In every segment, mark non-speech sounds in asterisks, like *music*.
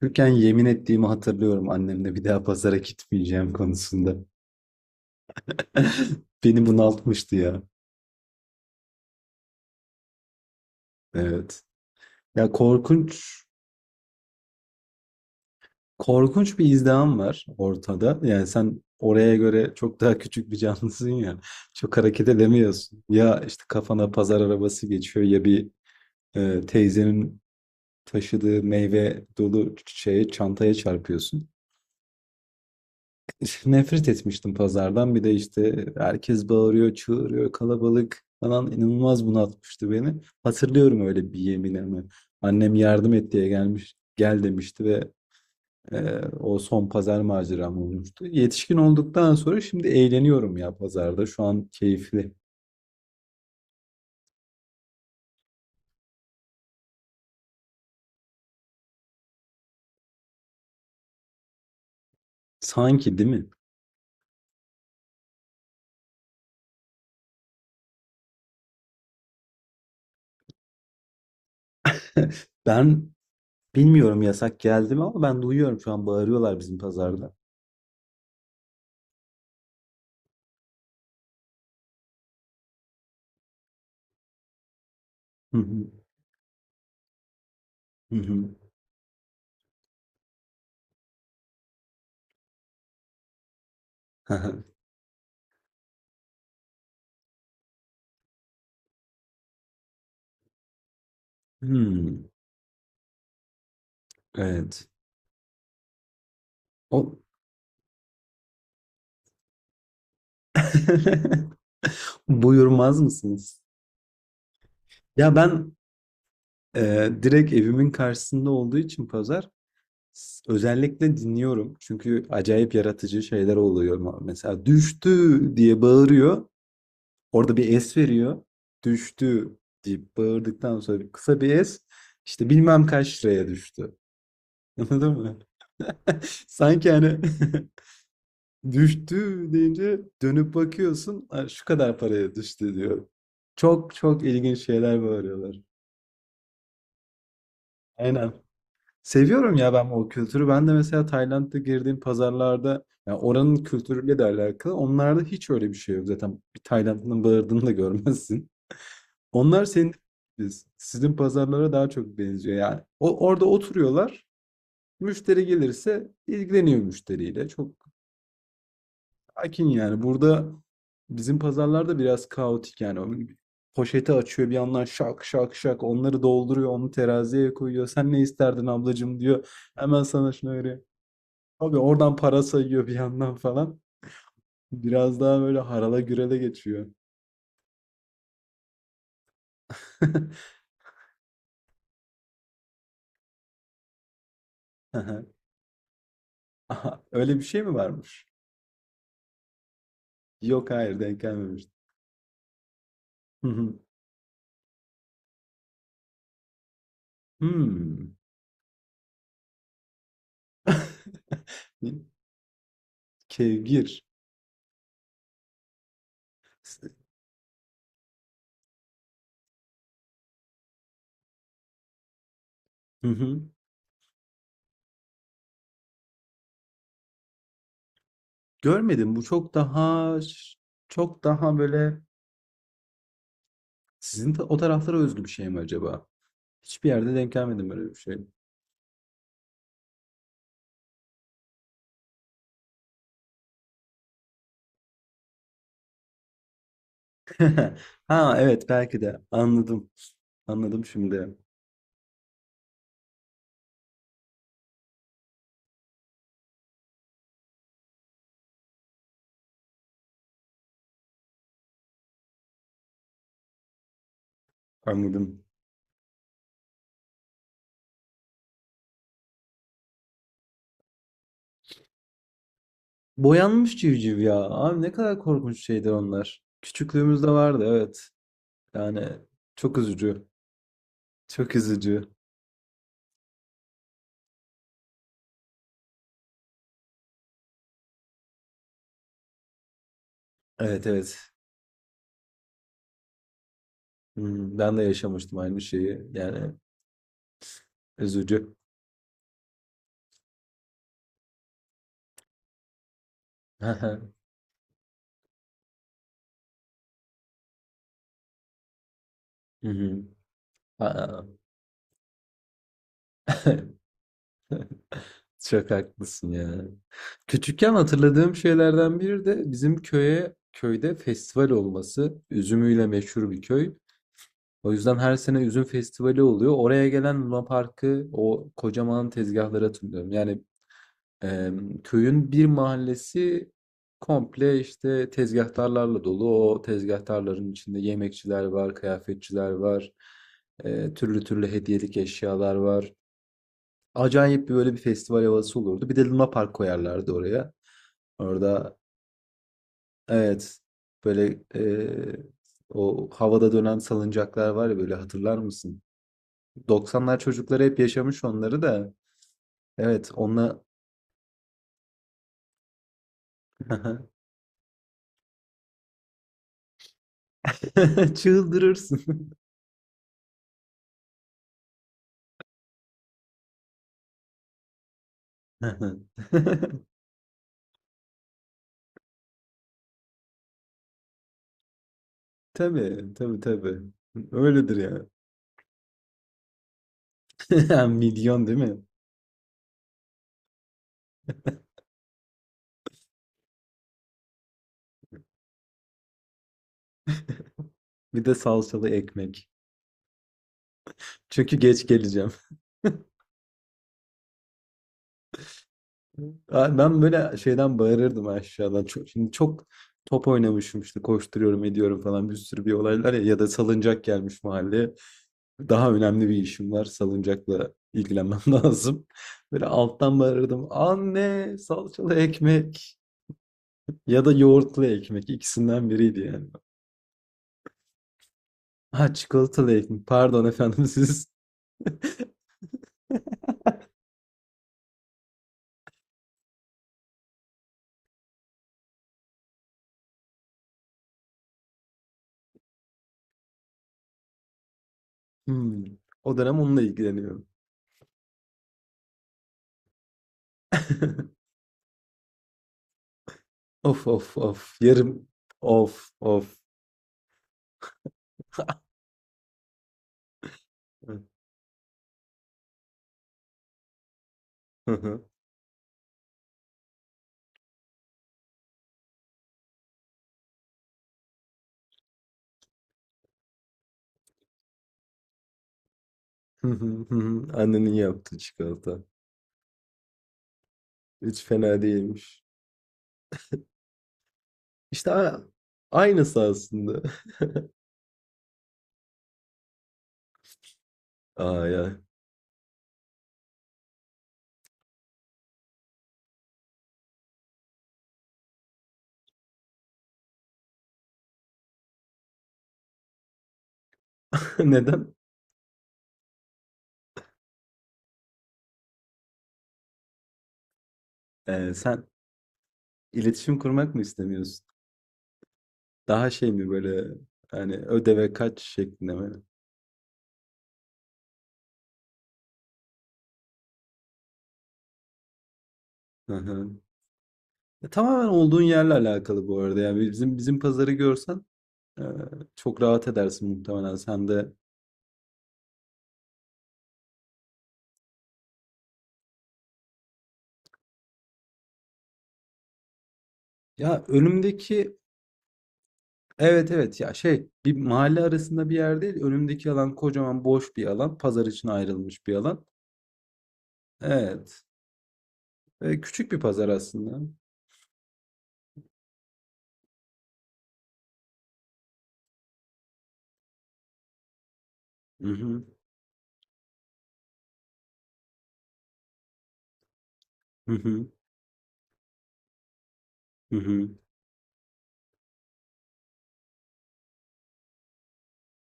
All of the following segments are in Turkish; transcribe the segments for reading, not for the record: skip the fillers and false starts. Çocukken yemin ettiğimi hatırlıyorum annemle bir daha pazara gitmeyeceğim konusunda. *laughs* Beni bunaltmıştı ya. Evet. Ya korkunç bir izdiham var ortada. Yani sen oraya göre çok daha küçük bir canlısın ya. Çok hareket edemiyorsun. Ya işte kafana pazar arabası geçiyor ya bir teyzenin taşıdığı meyve dolu şeye çantaya çarpıyorsun. *laughs* Nefret etmiştim pazardan. Bir de işte herkes bağırıyor, çığırıyor, kalabalık falan inanılmaz bunaltmıştı beni. Hatırlıyorum öyle bir yeminimi. Annem yardım et diye gelmiş, gel demişti ve o son pazar maceram olmuştu. Yetişkin olduktan sonra şimdi eğleniyorum ya pazarda. Şu an keyifli. Sanki değil mi? *laughs* Ben bilmiyorum yasak geldi mi ama ben duyuyorum şu an bağırıyorlar bizim pazarda. Hı hı, hı hı. *laughs* Hmm, evet. O. *laughs* Buyurmaz mısınız? Ya ben, direkt evimin karşısında olduğu için pazar, özellikle dinliyorum. Çünkü acayip yaratıcı şeyler oluyor. Mesela düştü diye bağırıyor. Orada bir es veriyor. Düştü diye bağırdıktan sonra kısa bir es. İşte bilmem kaç liraya düştü. Anladın mı? *laughs* Sanki hani *laughs* düştü deyince dönüp bakıyorsun, "Aa, şu kadar paraya düştü" diyor. Çok çok ilginç şeyler bağırıyorlar. Aynen. Seviyorum ya ben o kültürü. Ben de mesela Tayland'da girdiğim pazarlarda, yani oranın kültürüyle de alakalı. Onlarda hiç öyle bir şey yok. Zaten bir Taylandlı'nın bağırdığını da *laughs* görmezsin. Onlar senin, sizin pazarlara daha çok benziyor yani. O orada oturuyorlar. Müşteri gelirse ilgileniyor müşteriyle. Çok akin yani. Burada bizim pazarlarda biraz kaotik yani. O poşeti açıyor bir yandan, şak şak şak onları dolduruyor, onu teraziye koyuyor. Sen ne isterdin ablacığım diyor. Hemen sana şunu öyle. Abi oradan para sayıyor bir yandan falan. Biraz daha böyle harala gürele geçiyor. *laughs* Aha, aha, öyle bir şey mi varmış? Yok, hayır, denk gelmemiştim. Hı hı. Hmm. *laughs* Kevgir. Hı hı. Görmedim. Bu çok daha böyle sizin, o taraflara özgü bir şey mi acaba? Hiçbir yerde denk gelmedim böyle bir şey. *laughs* Ha, evet, belki de. Anladım. Anladım şimdi. Anladım. Boyanmış civciv ya. Abi ne kadar korkunç şeydir onlar. Küçüklüğümüzde vardı, evet. Yani çok üzücü. Çok üzücü. Evet, evet. Hmm, ben de yaşamıştım aynı şeyi. Yani üzücü. *laughs* Hı hı. Aa. *laughs* Çok haklısın ya. Küçükken hatırladığım şeylerden biri de bizim köyde festival olması. Üzümüyle meşhur bir köy. O yüzden her sene üzüm festivali oluyor. Oraya gelen Luna Park'ı, o kocaman tezgahları hatırlıyorum. Yani, Eee, köyün bir mahallesi komple işte tezgahtarlarla dolu. O tezgahtarların içinde yemekçiler var, kıyafetçiler var, türlü türlü hediyelik eşyalar var. Acayip bir böyle bir festival havası olurdu. Bir de Luna Park koyarlardı oraya. Orada, evet, böyle o havada dönen salıncaklar var ya, böyle hatırlar mısın? 90'lar çocukları hep yaşamış onları da. Evet, onunla *laughs* çıldırırsın. Hı. *laughs* Tabii, tabii, tabii. Öyledir ya. *laughs* Milyon değil mi? Bir de salçalı ekmek. Çünkü geç geleceğim. *laughs* Aa, ben böyle şeyden bağırırdım aşağıdan. Şimdi çok top oynamışım işte, koşturuyorum ediyorum falan, bir sürü olaylar ya da salıncak gelmiş mahalleye. Daha önemli bir işim var. Salıncakla ilgilenmem *laughs* lazım. Böyle alttan bağırırdım. Anne, salçalı ekmek ya da yoğurtlu ekmek, ikisinden biriydi yani. Ha, çikolatalı eğitim. Pardon efendim *laughs* siz. Hmm. O dönem onunla ilgileniyorum. *laughs* Of of of. Yarım. Of of. Hı hı. Hı hı, hı hı. Annenin yaptığı çikolata. Hiç fena değilmiş. İşte aynısı aslında. *laughs* Aa ya. *laughs* Neden? Sen iletişim kurmak mı istemiyorsun? Daha şey mi böyle, hani ödeve kaç şeklinde mi? Hı hı. Tamamen olduğun yerle alakalı bu arada. Yani bizim pazarı görsen, Ee, çok rahat edersin muhtemelen sen de. Ya önümdeki, evet, evet, ya şey, bir mahalle arasında bir yer değil. Önümdeki alan kocaman boş bir alan. Pazar için ayrılmış bir alan. Evet. Küçük bir pazar aslında. Hı hı. Hı hı. Hı hı.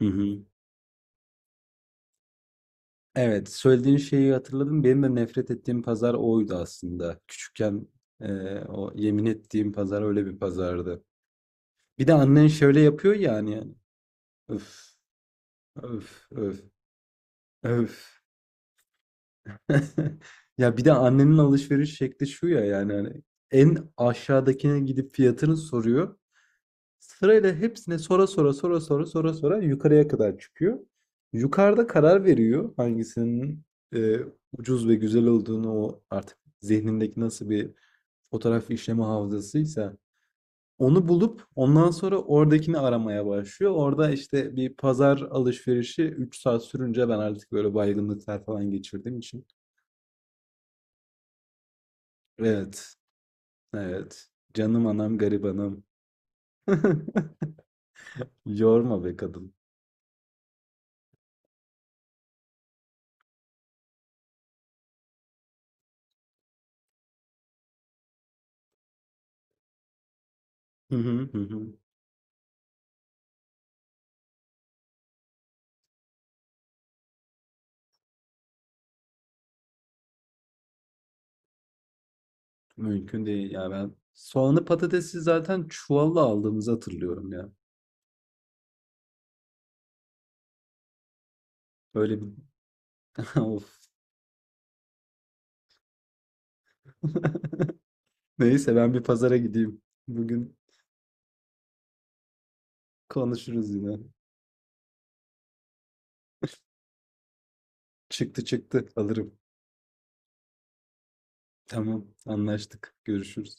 Hı hı. Evet, söylediğin şeyi hatırladım. Benim de nefret ettiğim pazar oydu aslında. Küçükken, o yemin ettiğim pazar öyle bir pazardı. Bir de annen şöyle yapıyor yani. Öf, öf, öf, öf. *laughs* Ya bir de annenin alışveriş şekli şu ya, yani hani en aşağıdakine gidip fiyatını soruyor. Sırayla hepsine, sonra sonra sonra sonra sonra sonra yukarıya kadar çıkıyor. Yukarıda karar veriyor hangisinin, e, ucuz ve güzel olduğunu, o artık zihnindeki nasıl bir fotoğraf işleme hafızasıysa onu bulup ondan sonra oradakini aramaya başlıyor. Orada işte bir pazar alışverişi 3 saat sürünce, ben artık böyle baygınlıklar falan geçirdiğim için. Evet. Evet. Canım anam garibanım. *laughs* Yorma be kadın. Hı hı, hı hı. Mümkün değil ya ben. Soğanı patatesi zaten çuvalla aldığımızı hatırlıyorum ya. Böyle bir *laughs* of. *laughs* Neyse, ben bir pazara gideyim. Bugün konuşuruz yine. Çıktı çıktı, alırım. Tamam, anlaştık. Görüşürüz.